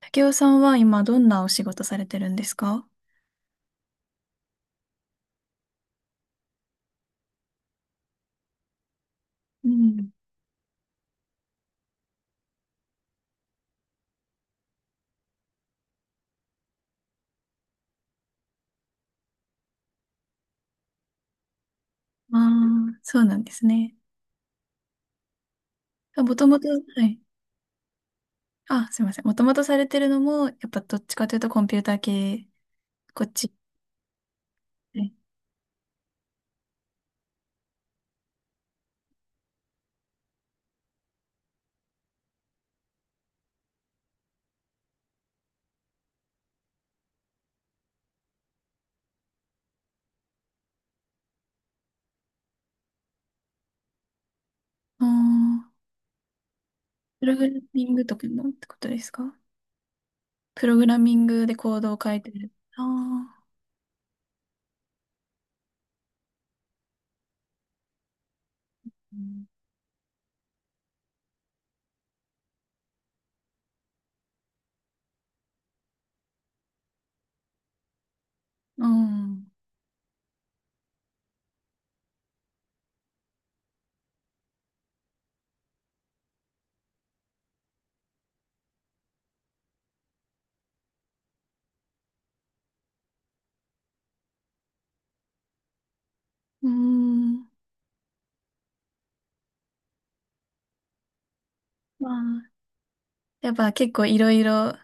竹雄さんは今どんなお仕事されてるんですか？うん。ああ、そうなんですね。もともと、はい。あ、すいません。もともとされてるのも、やっぱどっちかというとコンピューター系、こっち。はい。ああ、プログラミングとかのってことですか？プログラミングでコードを書いてる。ああ、うん、うん。ん。まあ、やっぱ結構いろいろ、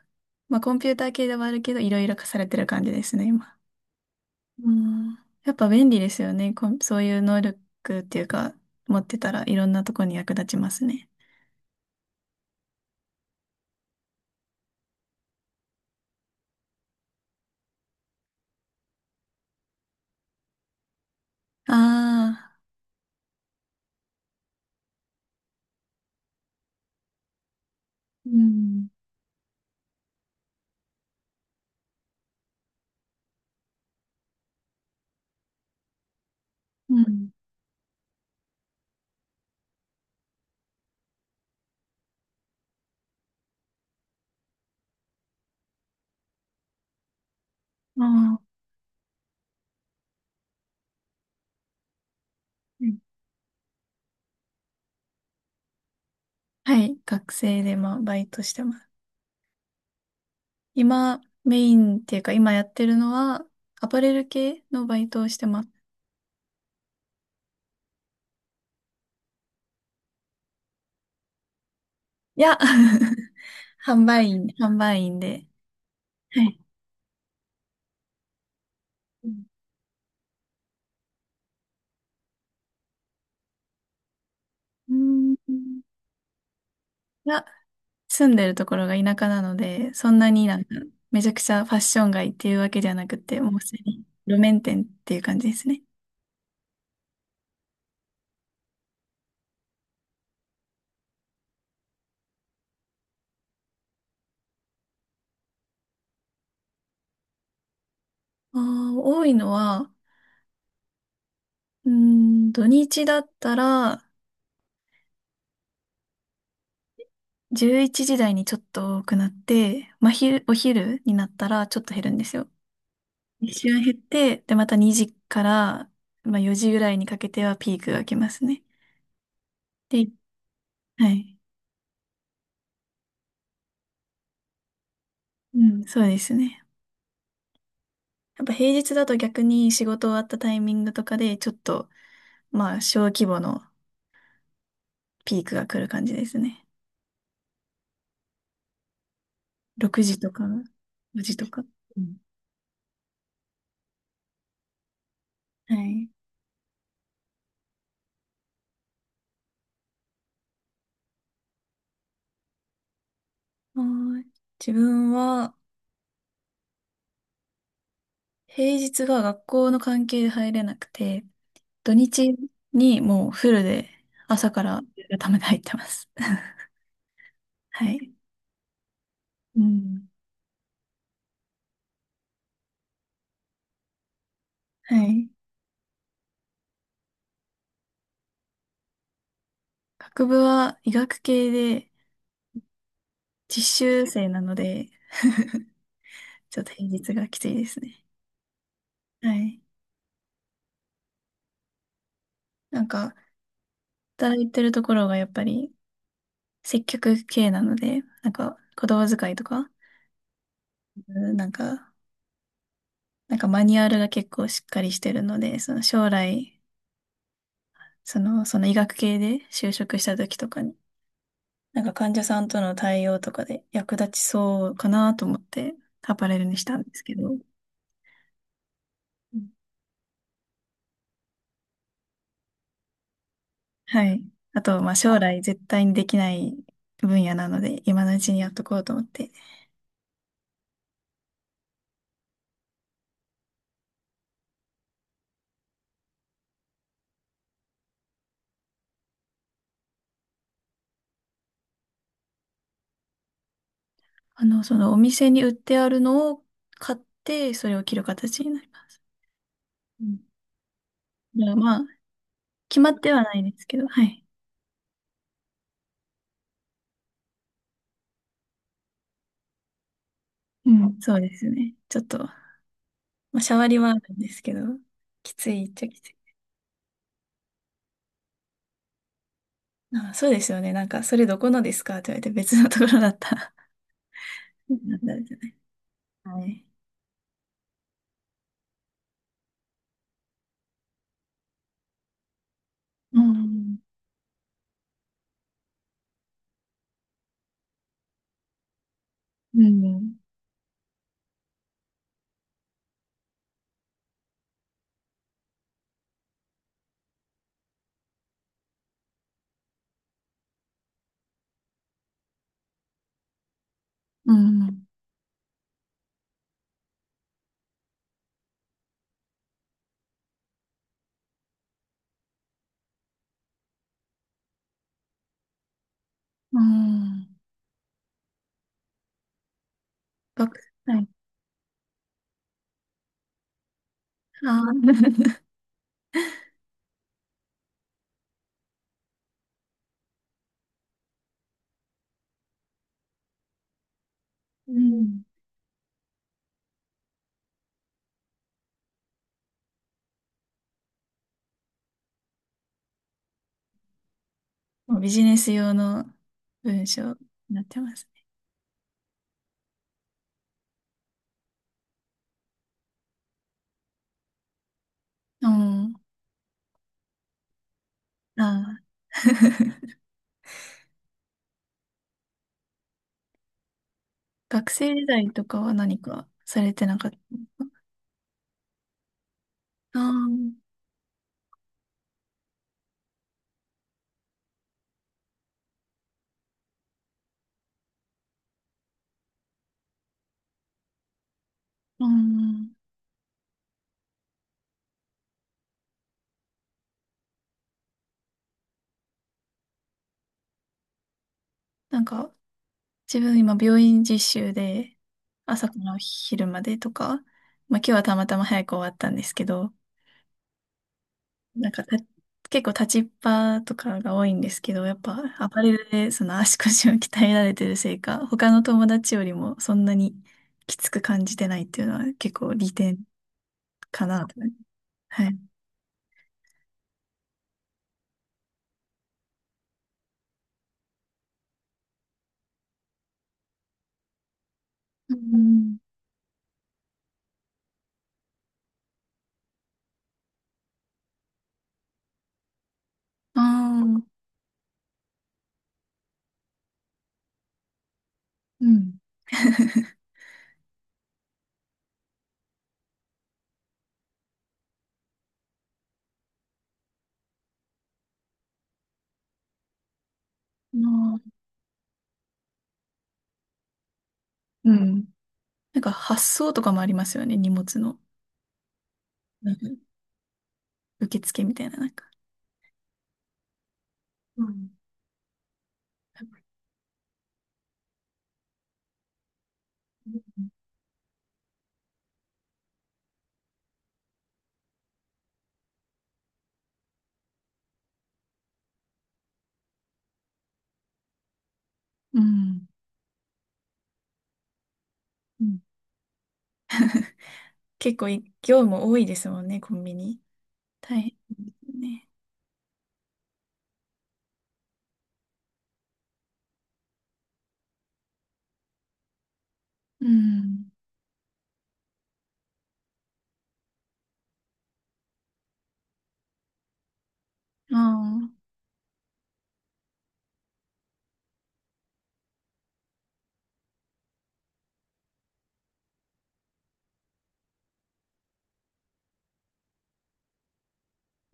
まあコンピューター系ではあるけど、いろいろ課されてる感じですね、今。うん、やっぱ便利ですよね。そういう能力っていうか、持ってたらいろんなとこに役立ちますね。ああ、うん、うん。ああ、うん。はい、学生でまあバイトしてます。今、メインっていうか、今やってるのは、アパレル系のバイトをしてます。いや、販売員、販売員で。はい。うん。うん。いや、住んでるところが田舎なので、そんなになんかめちゃくちゃファッション街っていうわけじゃなくて、もうすでに路面店っていう感じですね。ああ、多いのは、うーん、土日だったら11時台にちょっと多くなって、まあ、お昼になったらちょっと減るんですよ。一瞬減って、で、また2時から、まあ、4時ぐらいにかけてはピークが来ますね。で、はい。うん、そうですね。やっぱ平日だと逆に仕事終わったタイミングとかでちょっと、まあ、小規模のピークが来る感じですね。6時とか、5時とか。うん。はい。はーい。自分は、平日が学校の関係で入れなくて、土日にもうフルで朝からやるために入ってます。はい。うん。はい。学部は医学系で実習生なので、ちょっと平日がきついですね。はい。なんか、働いてるところがやっぱり接客系なので、なんか言葉遣いとか、うん、なんかマニュアルが結構しっかりしてるので、その将来、その医学系で就職した時とかに、なんか患者さんとの対応とかで役立ちそうかなと思って、アパレルにしたんですけど、うん、はい。あと、まあ将来絶対にできない分野なので、今のうちにやっとこうと思って、あの、そのお店に売ってあるのを買って、それを着る形になります。うん、だからまあ、決まってはないですけど、はい。うん、そうですね。ちょっと、まあ、シャワリはあるんですけど、きついっちゃきつい。あ、そうですよね。なんか、それどこのですかって言われて別のところだったら、なんだろうじゃない。はい。うん。うん。うん。うん。学はい。あー、 うん。もうビジネス用の文章になってますね。うん。あー、 学生時代とかは何かされてなかった。ああー、うん。なんか、自分今病院実習で朝から昼までとか、まあ今日はたまたま早く終わったんですけど、なんかた結構立ちっぱとかが多いんですけど、やっぱアパレルでその足腰を鍛えられてるせいか、他の友達よりもそんなにきつく感じてないっていうのは結構利点かなと。はい。うん。ああ、うん。あー、うん。なんか発送とかもありますよね、荷物の。なんか受付みたいな、なんか。うん。うん、結構業務多いですもんね、コンビニ。大変ですね。うん。ああ、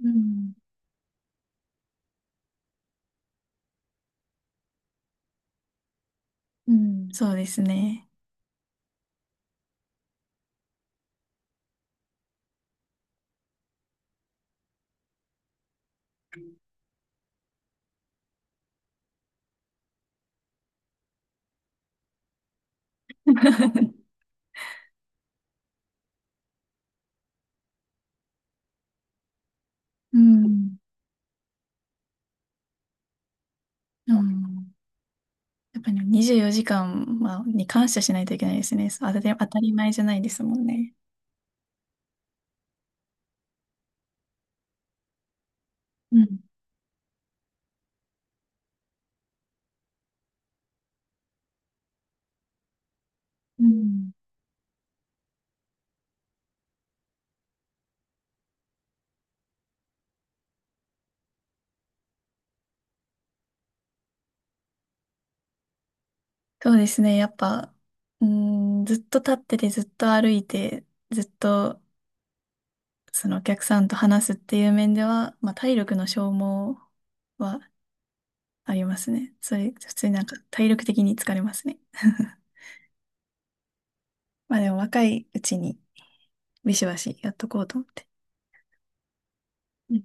うん。うん。そうですね。うん。うん。やっぱり24時間はに感謝しないといけないですね。当たり前じゃないですもんね。うん。うん。そうですね。やっぱ、うん、ずっと立ってて、ずっと歩いて、ずっとそのお客さんと話すっていう面では、まあ、体力の消耗はありますね。それ、普通になんか体力的に疲れますね。まあでも若いうちにビシバシやっとこうと思って。うん。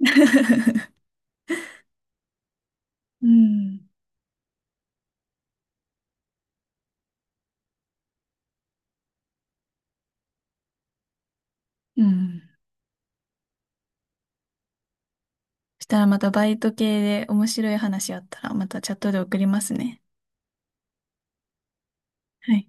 うん。うん。そしたらまたバイト系で面白い話あったらまたチャットで送りますね。はい。